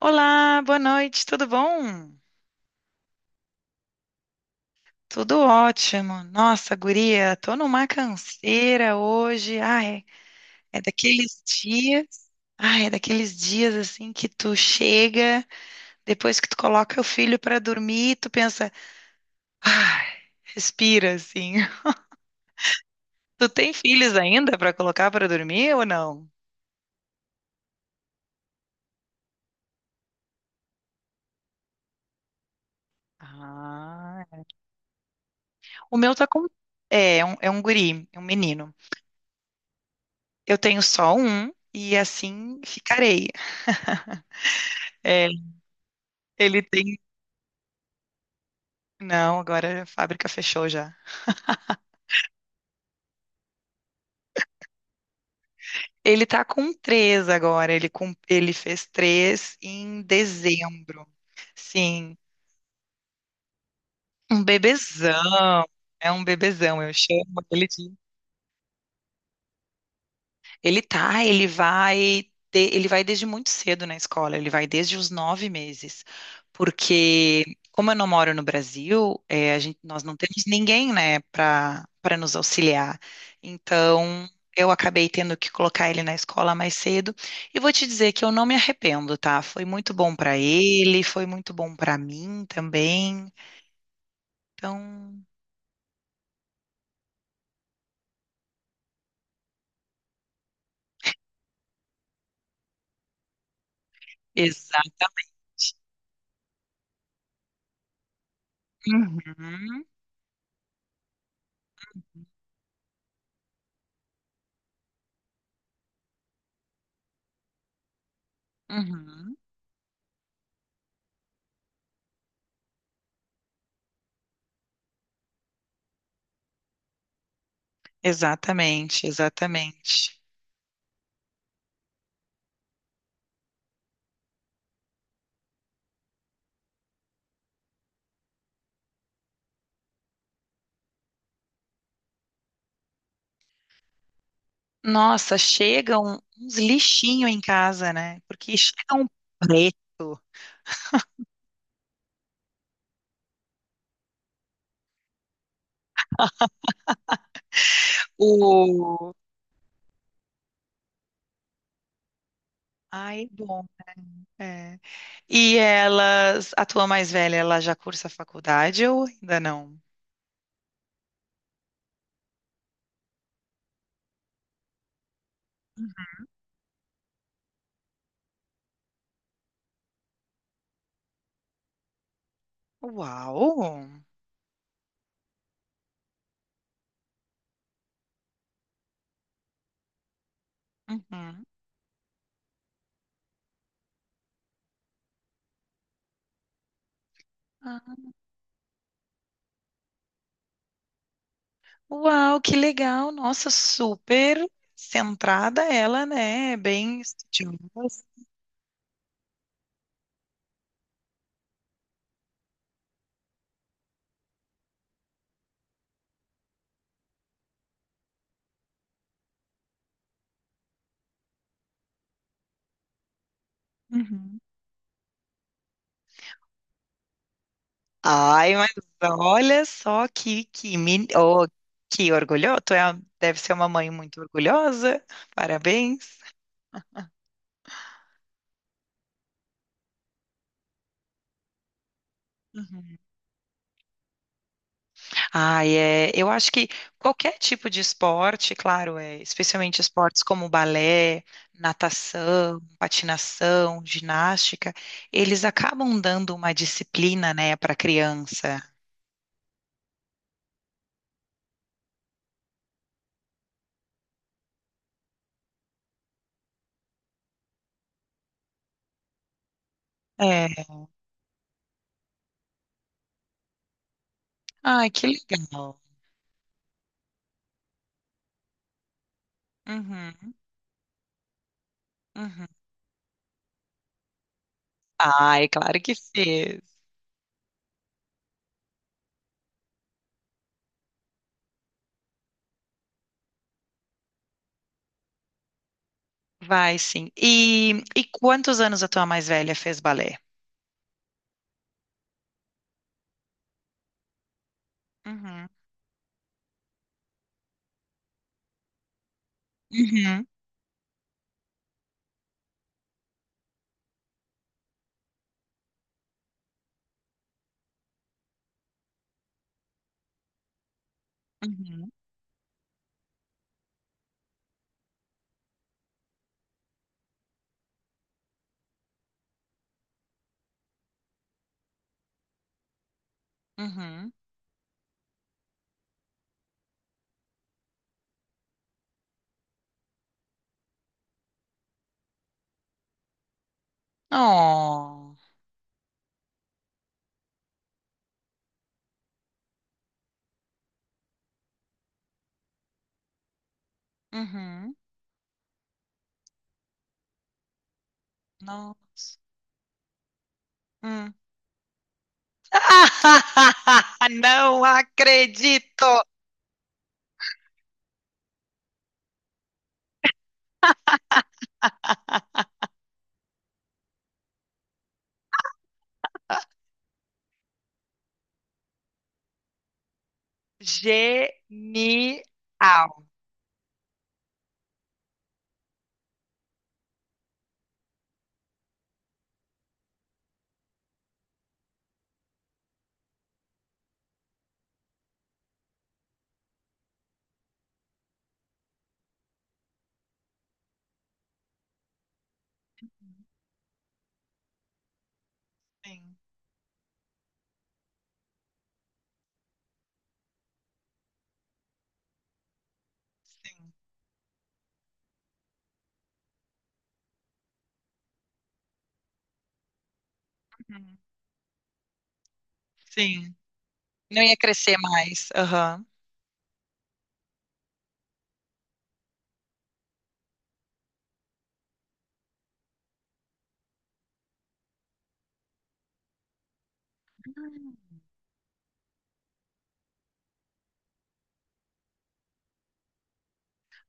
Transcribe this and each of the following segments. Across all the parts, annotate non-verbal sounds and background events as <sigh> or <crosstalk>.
Olá, boa noite, tudo bom? Tudo ótimo. Nossa, guria, tô numa canseira hoje. Ai, é daqueles dias, ai, é daqueles dias assim que tu chega, depois que tu coloca o filho pra dormir, tu pensa, ai, respira assim. <laughs> Tu tem filhos ainda pra colocar pra dormir ou não? Ah, o meu tá com é um guri, é um menino. Eu tenho só um e assim ficarei. É, ele tem. Não, agora a fábrica fechou já. Ele tá com três agora. Ele fez três em dezembro. Sim, um bebezão. É um bebezão. Eu chamo ele de. Ele tá, ele vai, de- ele vai desde muito cedo na escola, ele vai desde os nove meses, porque como eu não moro no Brasil, a gente, nós não temos ninguém, né, para nos auxiliar. Então, eu acabei tendo que colocar ele na escola mais cedo e vou te dizer que eu não me arrependo, tá? Foi muito bom para ele, foi muito bom para mim também. Então, exatamente. Uhum, uhum. Exatamente, exatamente. Nossa, chegam uns lixinhos em casa, né? Porque chega um preto. O... Ai, bom. É. E elas, a tua mais velha, ela já cursa faculdade ou ainda não? Uau! Uhum. Ah, uau, que legal! Nossa, super centrada ela, né? Bem estudiosa. Uhum. Ai, mas olha só que, men- oh, que orgulhoso. Tu é, uma- deve ser uma mãe muito orgulhosa. Parabéns. Uhum. Ai, é, eu acho que qualquer tipo de esporte, claro, é, especialmente esportes como balé, natação, patinação, ginástica, eles acabam dando uma disciplina, né, para a criança. É. Ai, que legal. Uhum, uhum. Ai, claro que sim. Vai sim. E quantos anos a tua mais velha fez balé? Uhum. Uhum. Uhum. Uhum. Oh. Uhum. Nossa. Hum. <laughs> Não acredito! Genial. Sim, sim. Uhum. Sim. Não ia crescer mais. Aham.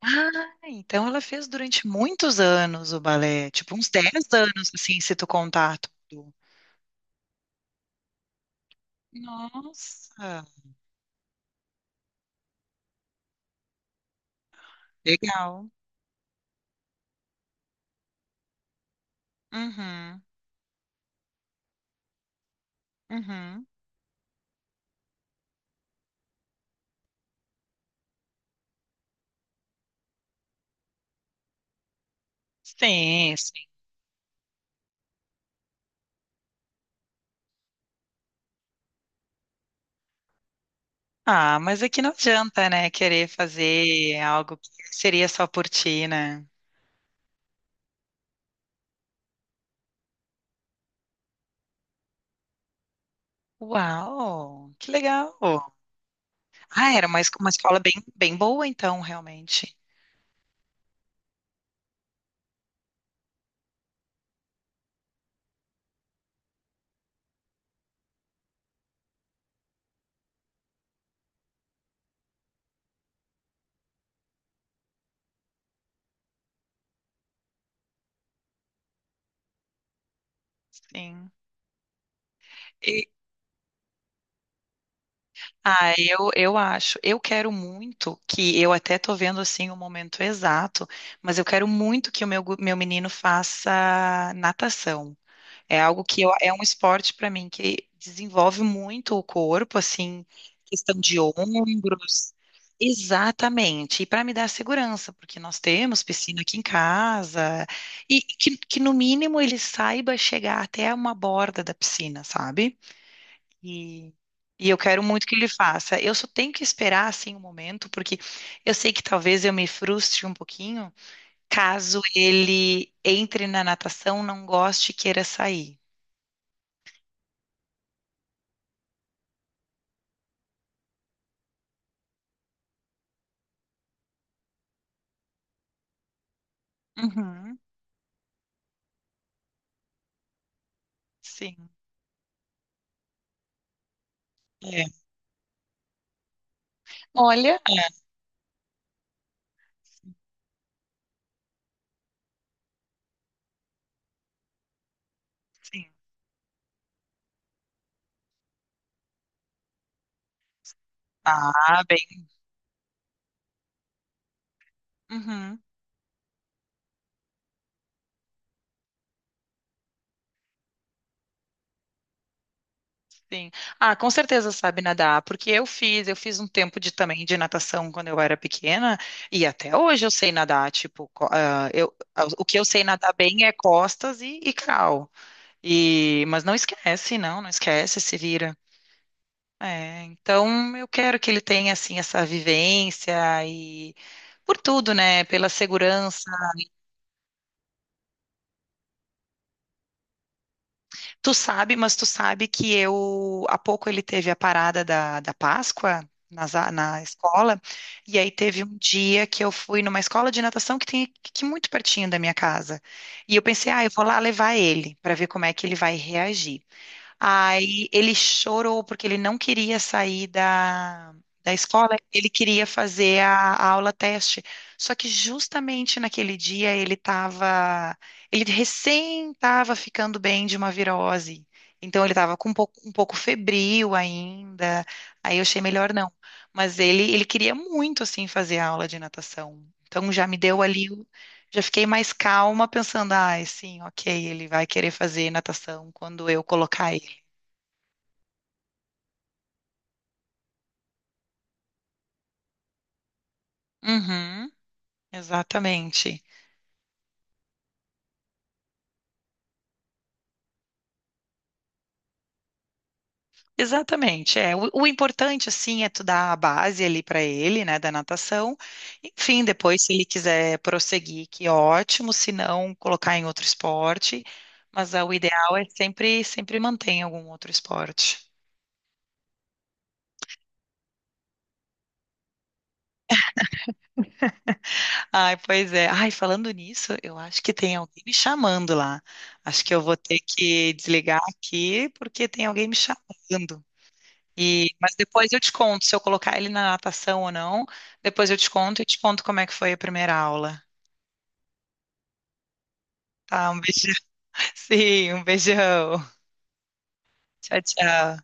Ah, então ela fez durante muitos anos o balé, tipo uns 10 anos, assim, se tu contar tudo. Nossa! Legal. Uhum, uhum. Sim, sim. Ah, mas aqui não adianta, né? Querer fazer algo que seria só por ti, né? Uau, que legal. Ah, era uma, es- uma escola bem, bem boa, então, realmente. Sim. E- ah, eu acho. Eu quero muito que, eu até tô vendo, assim, o momento exato, mas eu quero muito que o meu, gu- meu menino faça natação. É algo que eu- é um esporte para mim que desenvolve muito o corpo, assim, questão de ombros. Exatamente. E para me dar segurança, porque nós temos piscina aqui em casa, e que no mínimo ele saiba chegar até uma borda da piscina, sabe? E, e eu quero muito que ele faça. Eu só tenho que esperar assim um momento, porque eu sei que talvez eu me frustre um pouquinho caso ele entre na natação, não goste e queira sair. Uhum. Sim, é. Olha, sim. Ah, bem. Uhum, sim. Ah, com certeza sabe nadar, porque eu fiz um tempo de também de natação quando eu era pequena e até hoje eu sei nadar, tipo, co- o que eu sei nadar bem é costas e crawl. E, mas não esquece, não, não esquece, se vira. É, então eu quero que ele tenha assim essa vivência e por tudo, né? Pela segurança. Tu sabe, mas tu sabe que eu, há pouco ele teve a parada da, da Páscoa nas a- na, escola, e aí teve um dia que eu fui numa escola de natação que tem aqui muito pertinho da minha casa. E eu pensei, ah, eu vou lá levar ele para ver como é que ele vai reagir. Aí ele chorou porque ele não queria sair da, da escola, ele queria fazer a aula teste. Só que justamente naquele dia ele estava, ele recém estava ficando bem de uma virose. Então ele estava com um pouco febril ainda. Aí eu achei melhor não. Mas ele queria muito assim fazer a aula de natação. Então já me deu ali, o- já fiquei mais calma pensando, ah, sim, ok, ele vai querer fazer natação quando eu colocar ele. Uhum, exatamente. Exatamente, é. O importante, assim, é tu dar a base ali para ele, né, da natação. Enfim, depois, se ele quiser prosseguir, que ótimo, se não, colocar em outro esporte. Mas ah, o ideal é sempre, sempre manter em algum outro esporte. Ai, pois é. Ai, falando nisso, eu acho que tem alguém me chamando lá. Acho que eu vou ter que desligar aqui, porque tem alguém me chamando. E, mas depois eu te conto se eu colocar ele na natação ou não. Depois eu te conto e te conto como é que foi a primeira aula. Tá, um beijão. <laughs> Sim, um beijão. Tchau, tchau.